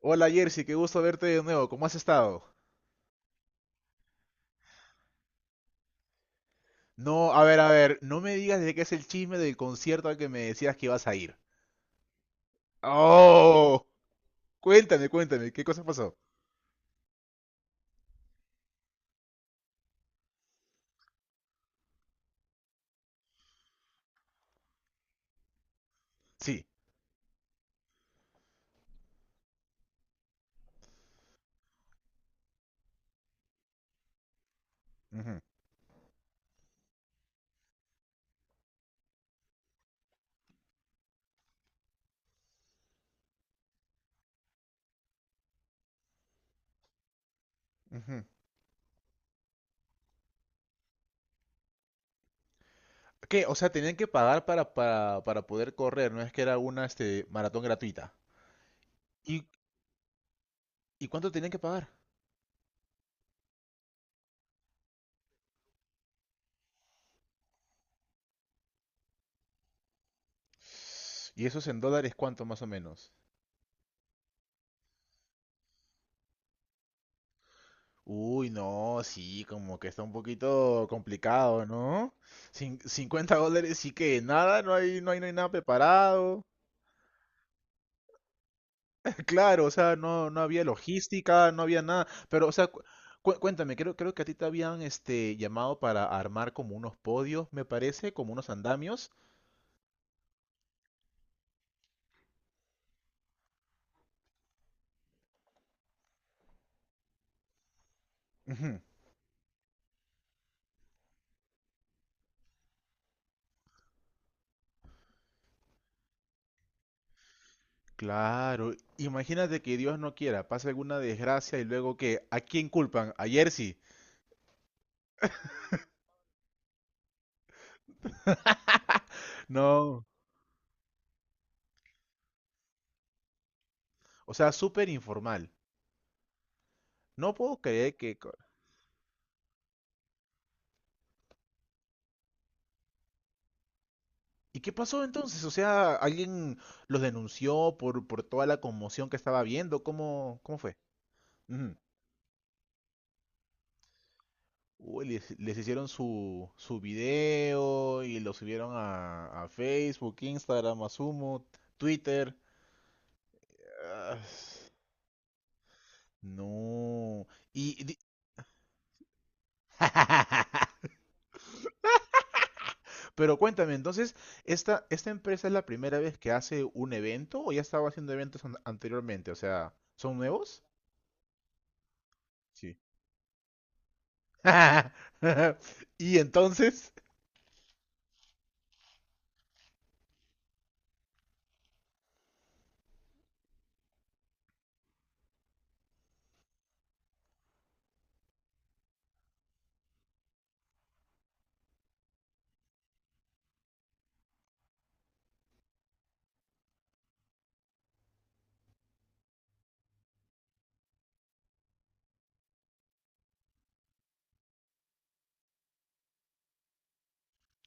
Hola Jersey, qué gusto verte de nuevo. ¿Cómo has estado? No, a ver, no me digas de qué es el chisme del concierto al que me decías que ibas a ir. Oh, cuéntame, cuéntame, ¿qué cosa pasó? Sí. Ujú, ujú. ¿Qué? O sea, tenían que pagar para poder correr, no es que era una maratón gratuita. ¿Y, y cuánto tenían que pagar? ¿Y eso es en dólares cuánto más o menos? Uy, no, sí, como que está un poquito complicado, ¿no? $50 sí que nada, no hay nada preparado. Claro, o sea, no, no había logística, no había nada. Pero, o sea, cuéntame, creo, creo que a ti te habían llamado para armar como unos podios, me parece, como unos andamios. Ujú. Claro, imagínate que Dios no quiera, pase alguna desgracia y luego que, ¿a quién culpan? A Jersey. No, o sea, súper informal. No puedo creer que... ¿Y qué pasó entonces? O sea, ¿alguien los denunció por toda la conmoción que estaba viendo? ¿Cómo, cómo fue? Ujú. Uy, les hicieron su, su video y lo subieron a Facebook, Instagram, Asumo, Twitter. Ah, no. Y, di- Pero cuéntame, entonces, ¿esta, esta empresa es la primera vez que hace un evento o ya estaba haciendo eventos anteriormente? O sea, ¿son nuevos? Y entonces,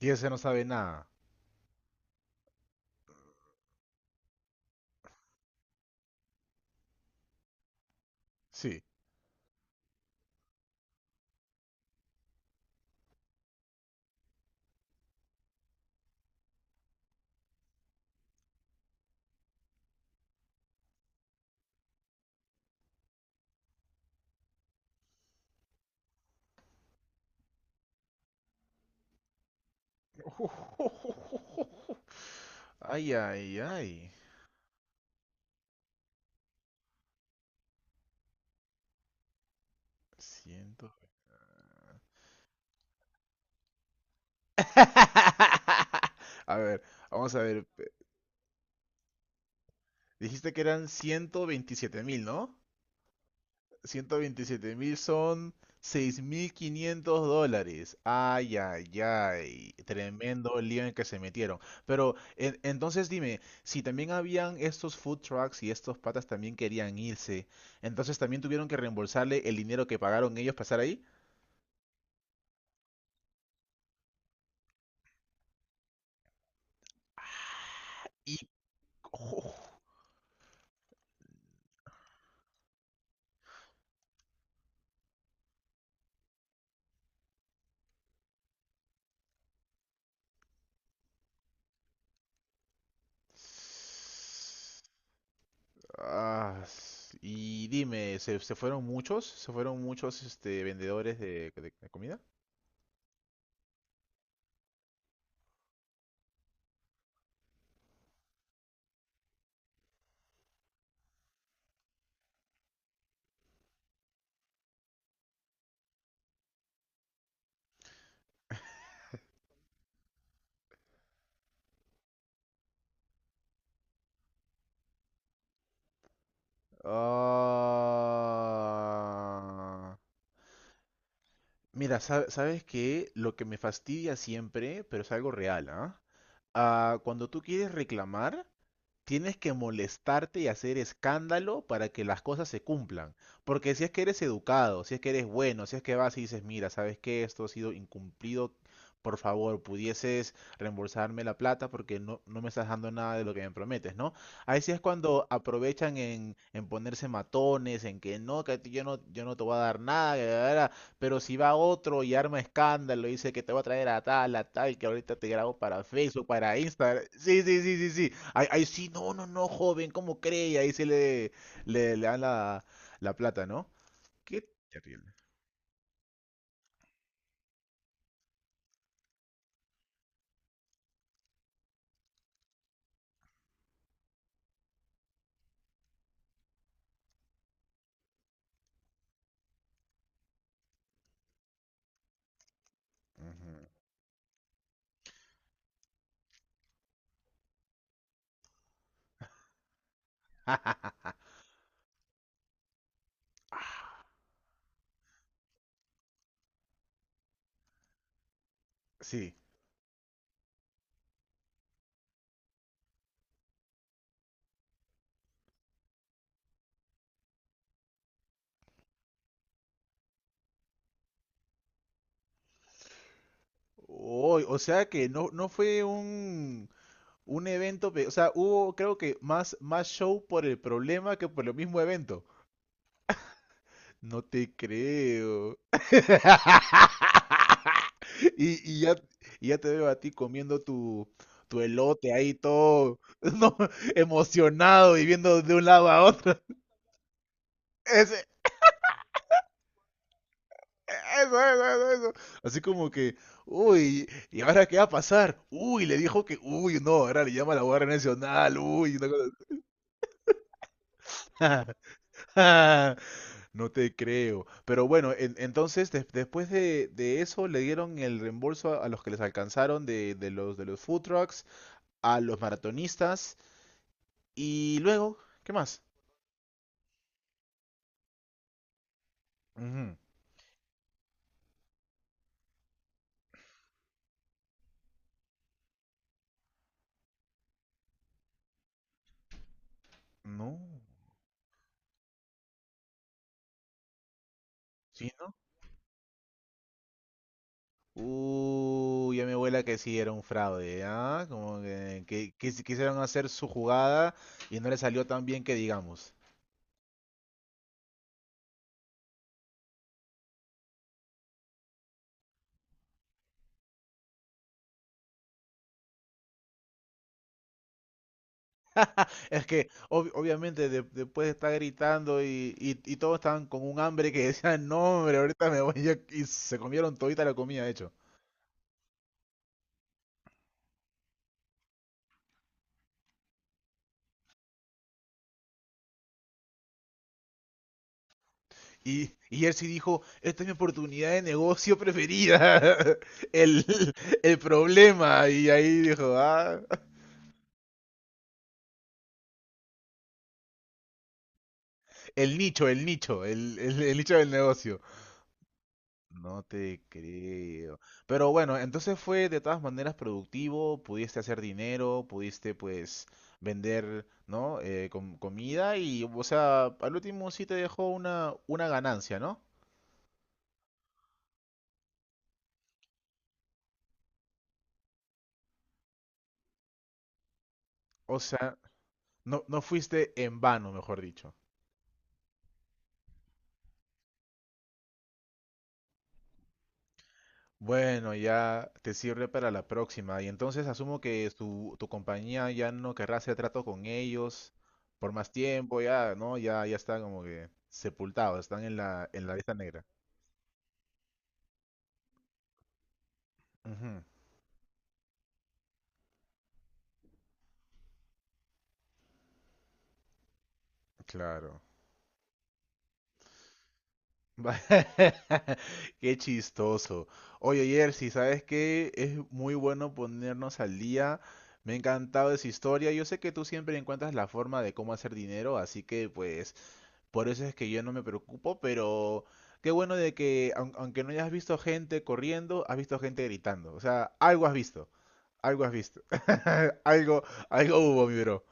y ese no sabe nada. Sí. Ay, ay, ay. Ciento. A ver, vamos a ver. Dijiste que eran 127 mil, ¿no? 127 mil son $6.500. Ay, ay, ay. Tremendo lío en el que se metieron. Pero entonces dime, si también habían estos food trucks y estos patas también querían irse, entonces también tuvieron que reembolsarle el dinero que pagaron ellos para estar ahí. Y... ¡Uf! Y dime, ¿se, se fueron muchos? ¿Se fueron muchos vendedores de, de comida? Ah, mira, ¿sabes que Lo que me fastidia siempre, pero es algo real, ¿ah? Ah, cuando tú quieres reclamar, tienes que molestarte y hacer escándalo para que las cosas se cumplan. Porque si es que eres educado, si es que eres bueno, si es que vas y dices, mira, sabes que esto ha sido incumplido, por favor, pudieses reembolsarme la plata porque no, no me estás dando nada de lo que me prometes, ¿no? Ahí sí es cuando aprovechan en ponerse matones, en que no, que a ti yo no, yo no te voy a dar nada, que la, la, la". Pero si va otro y arma escándalo y dice que te voy a traer a tal, que ahorita te grabo para Facebook, para Instagram. Sí, sí, sí, sí, sí. Ahí, ahí sí, no, no, no, joven, ¿cómo cree? Y ahí sí le dan la, la plata, ¿no? Qué terrible. Ujú. Ah, sí. Uy, o sea que no, no fue un evento, o sea, hubo creo que más, más show por el problema que por el mismo evento. No te creo. Y, y ya te veo a ti comiendo tu, tu elote ahí todo, no, emocionado y viendo de un lado a otro. Ese- eso, eso, eso, eso. Así como que, uy, ¿y ahora qué va a pasar? Uy, le dijo que, uy, no, ahora le llama a la Guardia Nacional, uy, una cosa. No te creo. Pero bueno, entonces después de eso le dieron el reembolso a los que les alcanzaron de los food trucks, a los maratonistas y luego, ¿qué más? Ujú. No. ¿Sí, no? Ya me abuela que sí era un fraude, ¿ah? Como que quisieron hacer su jugada y no le salió tan bien que digamos. Es que obviamente después de estar gritando y, y todos estaban con un hambre que decían, no, hombre, ahorita me voy a-". Y se comieron todita la comida, de hecho. Y él sí dijo, esta es mi oportunidad de negocio preferida, el, el problema. Y ahí dijo, ah, el nicho, el nicho, el, el nicho del negocio. No te creo. Pero bueno, entonces fue de todas maneras productivo, pudiste hacer dinero, pudiste pues vender, ¿no? Comida y, o sea, al último sí te dejó una ganancia, ¿no? O sea, no, no fuiste en vano, mejor dicho. Bueno, ya te sirve para la próxima. Y entonces asumo que tu compañía ya no querrá hacer trato con ellos por más tiempo, ya, ¿no? Ya, ya está como que sepultados, están en la lista negra. Ujú. Claro. Qué chistoso. Oye, Jersey, ¿sabes qué? Es muy bueno ponernos al día. Me ha encantado esa historia. Yo sé que tú siempre encuentras la forma de cómo hacer dinero, así que pues por eso es que yo no me preocupo, pero qué bueno de que aunque no hayas visto gente corriendo, has visto gente gritando. O sea, algo has visto. Algo has visto. Algo, algo hubo, mi bro.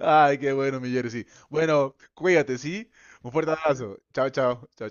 Ay, qué bueno, mi Jersey. Bueno, cuídate, ¿sí? Un fuerte abrazo. Chao, chao. Chao, chao.